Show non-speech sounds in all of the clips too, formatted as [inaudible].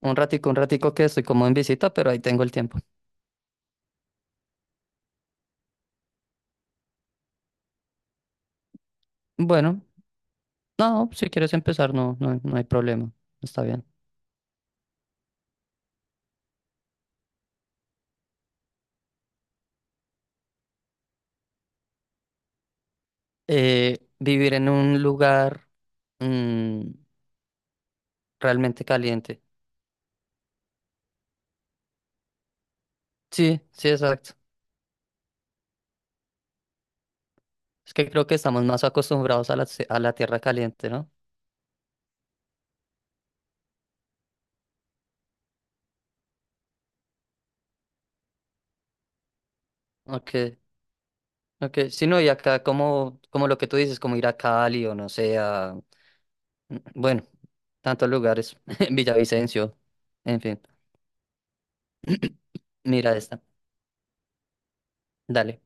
Un ratico que estoy como en visita, pero ahí tengo el tiempo. Bueno, no, si quieres empezar, no, no, no hay problema. Está bien. Vivir en un lugar mm, realmente caliente. Sí, sí, exacto. Es que creo que estamos más acostumbrados a la tierra caliente, ¿no? Ok, ok. Sí, no, y acá como lo que tú dices, como ir a Cali o no sé, bueno, tantos lugares, [laughs] Villavicencio, en fin. Mira esta, dale.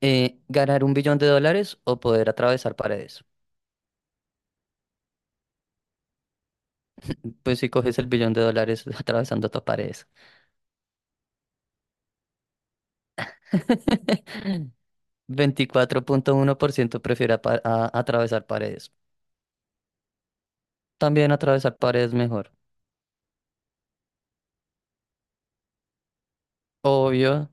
¿Ganar un billón de dólares o poder atravesar paredes? [clears throat] [laughs] Pues si coges el billón de dólares [laughs] atravesando tus paredes. [laughs] 24,1% prefiere atravesar paredes. También atravesar paredes mejor. Obvio,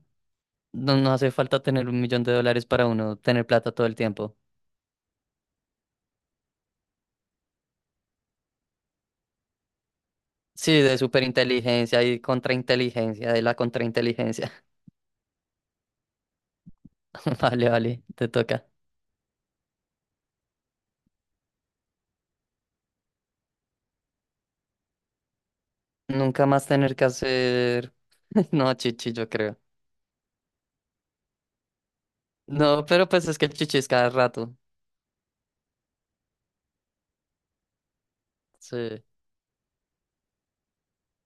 no, no hace falta tener un millón de dólares para uno tener plata todo el tiempo. Sí, de superinteligencia y contrainteligencia, de la contrainteligencia. [laughs] Vale, vale, te toca. Nunca más tener que hacer. [laughs] No, chichi, yo creo. No, pero pues es que el chichi es cada rato. Sí.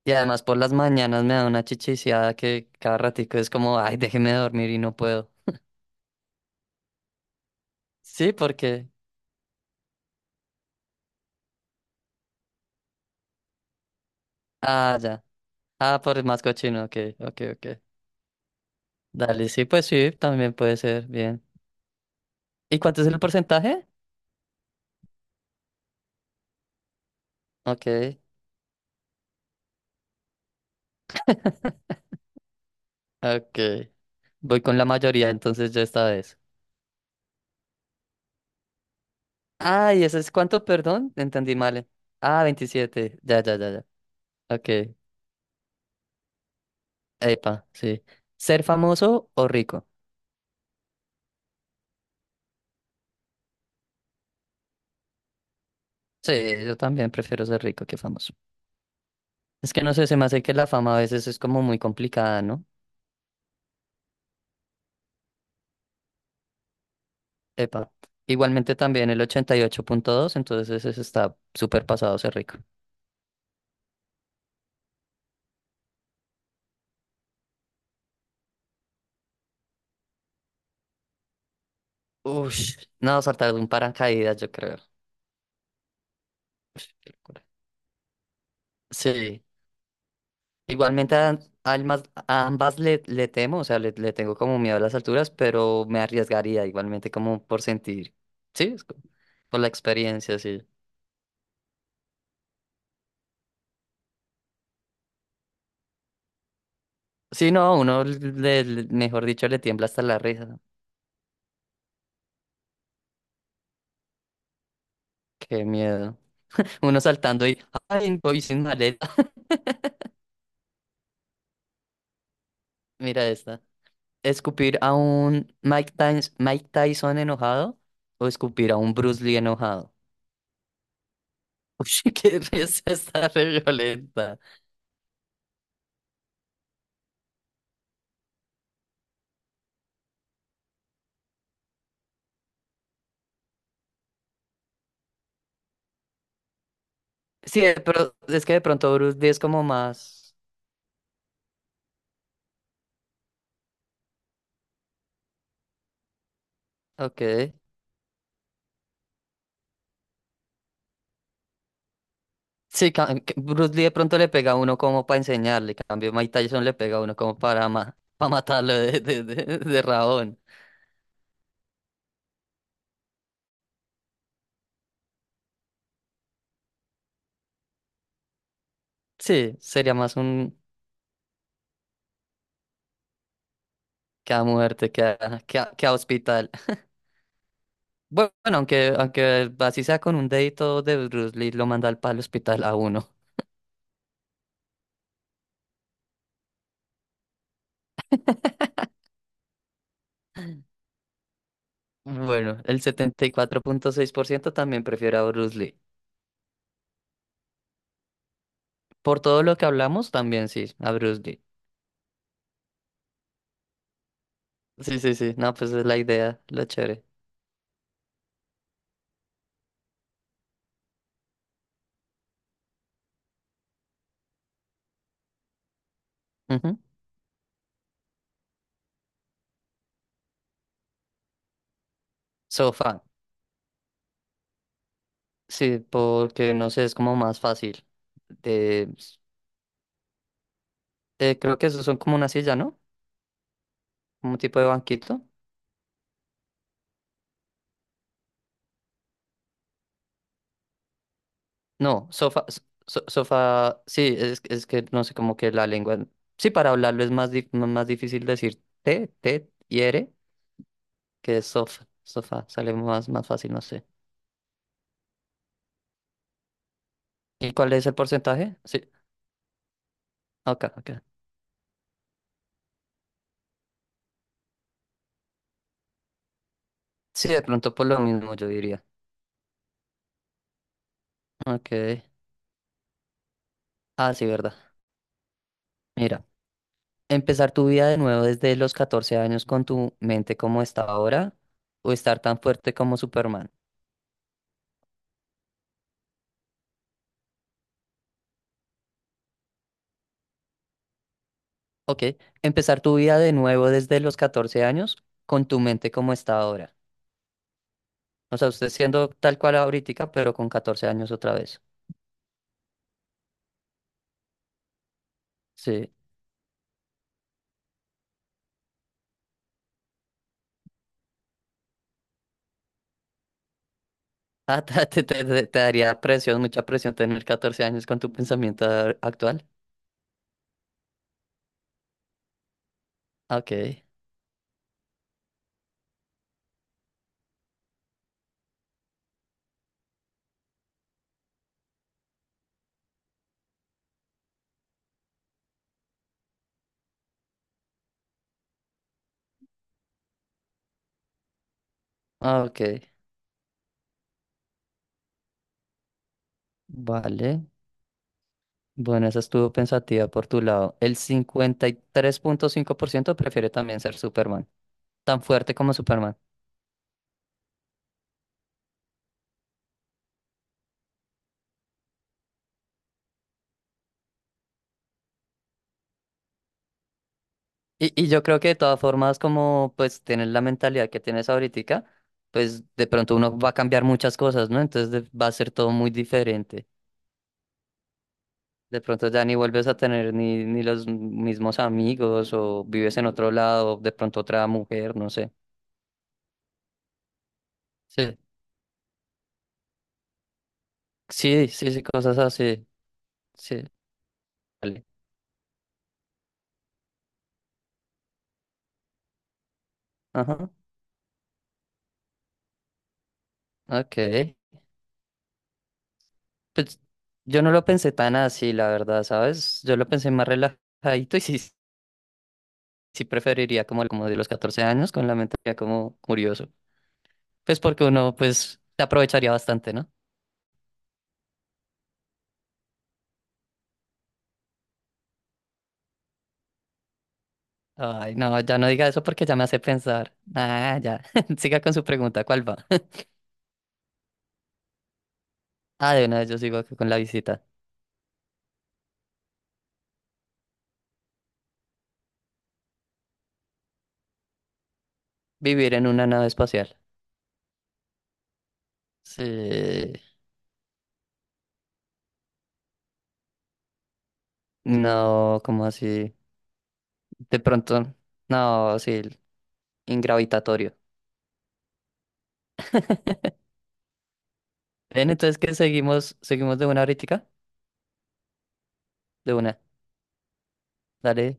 Y además por las mañanas me da una chichiciada que cada ratico es como, ay, déjeme dormir y no puedo. Sí, porque. Ah, ya. Ah, por el más cochino, ok, ok, ok. Dale, sí, pues sí, también puede ser, bien. ¿Y cuánto es el porcentaje? Ok, ok. Voy con la mayoría, entonces yo esta vez. Ah, ¿y eso es cuánto, perdón? Entendí mal. Ah, 27. Ya, ya, ya, ya. Ok. Epa, sí. ¿Ser famoso o rico? Sí, yo también prefiero ser rico que famoso. Es que no sé, se me hace que la fama a veces es como muy complicada, ¿no? Epa. Igualmente también el 88,2, entonces ese está súper pasado ser rico. Ush, no, saltar de un paracaídas, yo creo. Ush, qué locura. Sí, igualmente a ambas le temo, o sea, le tengo como miedo a las alturas, pero me arriesgaría igualmente como por sentir, sí, es como por la experiencia, sí. Sí, no, uno, mejor dicho, le tiembla hasta la risa, ¿no? Qué miedo. Uno saltando y, ay, voy sin maleta. [laughs] Mira esta. ¿Escupir a un Mike Tyson enojado o escupir a un Bruce Lee enojado? [laughs] Uy, qué risa está re violenta. Sí, pero es que de pronto Bruce Lee es como más. Ok. Sí, que Bruce Lee de pronto le pega a uno como para enseñarle. En cambio, Mike Tyson le pega a uno como para, para matarlo de rabón. Sí, sería más un que a muerte que a hospital. Bueno, aunque así sea con un dedito de Bruce Lee, lo manda al palo hospital a uno. [laughs] Bueno, el 74,6% también prefiere a Bruce Lee. Por todo lo que hablamos, también sí, a Bruce Lee. Sí, sí, sí. No, pues es la idea, lo chévere. Ujú. Sofá. Sí, porque no sé, es como más fácil. De, creo que esos son como una silla, ¿no? Como un tipo de banquito. No, sofá, sofá, sí, es que no sé cómo que la lengua. Sí, para hablarlo es más, más difícil decir te, te y ere que es sofá, sofá, sale más, más fácil, no sé. ¿Y cuál es el porcentaje? Sí, ok, ok. Sí, de pronto por lo mismo yo diría. Ok, ah, sí, verdad. Mira, empezar tu vida de nuevo desde los 14 años con tu mente como está ahora o estar tan fuerte como Superman. Ok, empezar tu vida de nuevo desde los 14 años con tu mente como está ahora. O sea, usted siendo tal cual ahorita, pero con 14 años otra vez. Sí. [laughs] Ah, te daría presión, mucha presión tener 14 años con tu pensamiento actual. Ah, ok. Ah, ok, vale. Bueno, esa estuvo pensativa por tu lado. El 53,5% prefiere también ser Superman, tan fuerte como Superman. Y yo creo que de todas formas, como pues tienes la mentalidad que tienes ahorita, pues de pronto uno va a cambiar muchas cosas, ¿no? Entonces va a ser todo muy diferente. De pronto ya ni vuelves a tener ni los mismos amigos o vives en otro lado, de pronto otra mujer, no sé. Sí, sí, sí, sí, cosas así. Sí, vale. Ajá, ok. Pues yo no lo pensé tan así, la verdad, ¿sabes? Yo lo pensé más relajadito y sí, sí preferiría como, como de los 14 años con la mente ya como curioso. Pues porque uno, pues, se aprovecharía bastante, ¿no? Ay, no, ya no diga eso porque ya me hace pensar. Ah, ya. [laughs] Siga con su pregunta, ¿cuál va? Ah, de una vez yo sigo acá con la visita. Vivir en una nave espacial. Sí. No, ¿como así? De pronto, no, sí, ingravitatorio. Bien, entonces que seguimos de una ahorita, de una. Dale.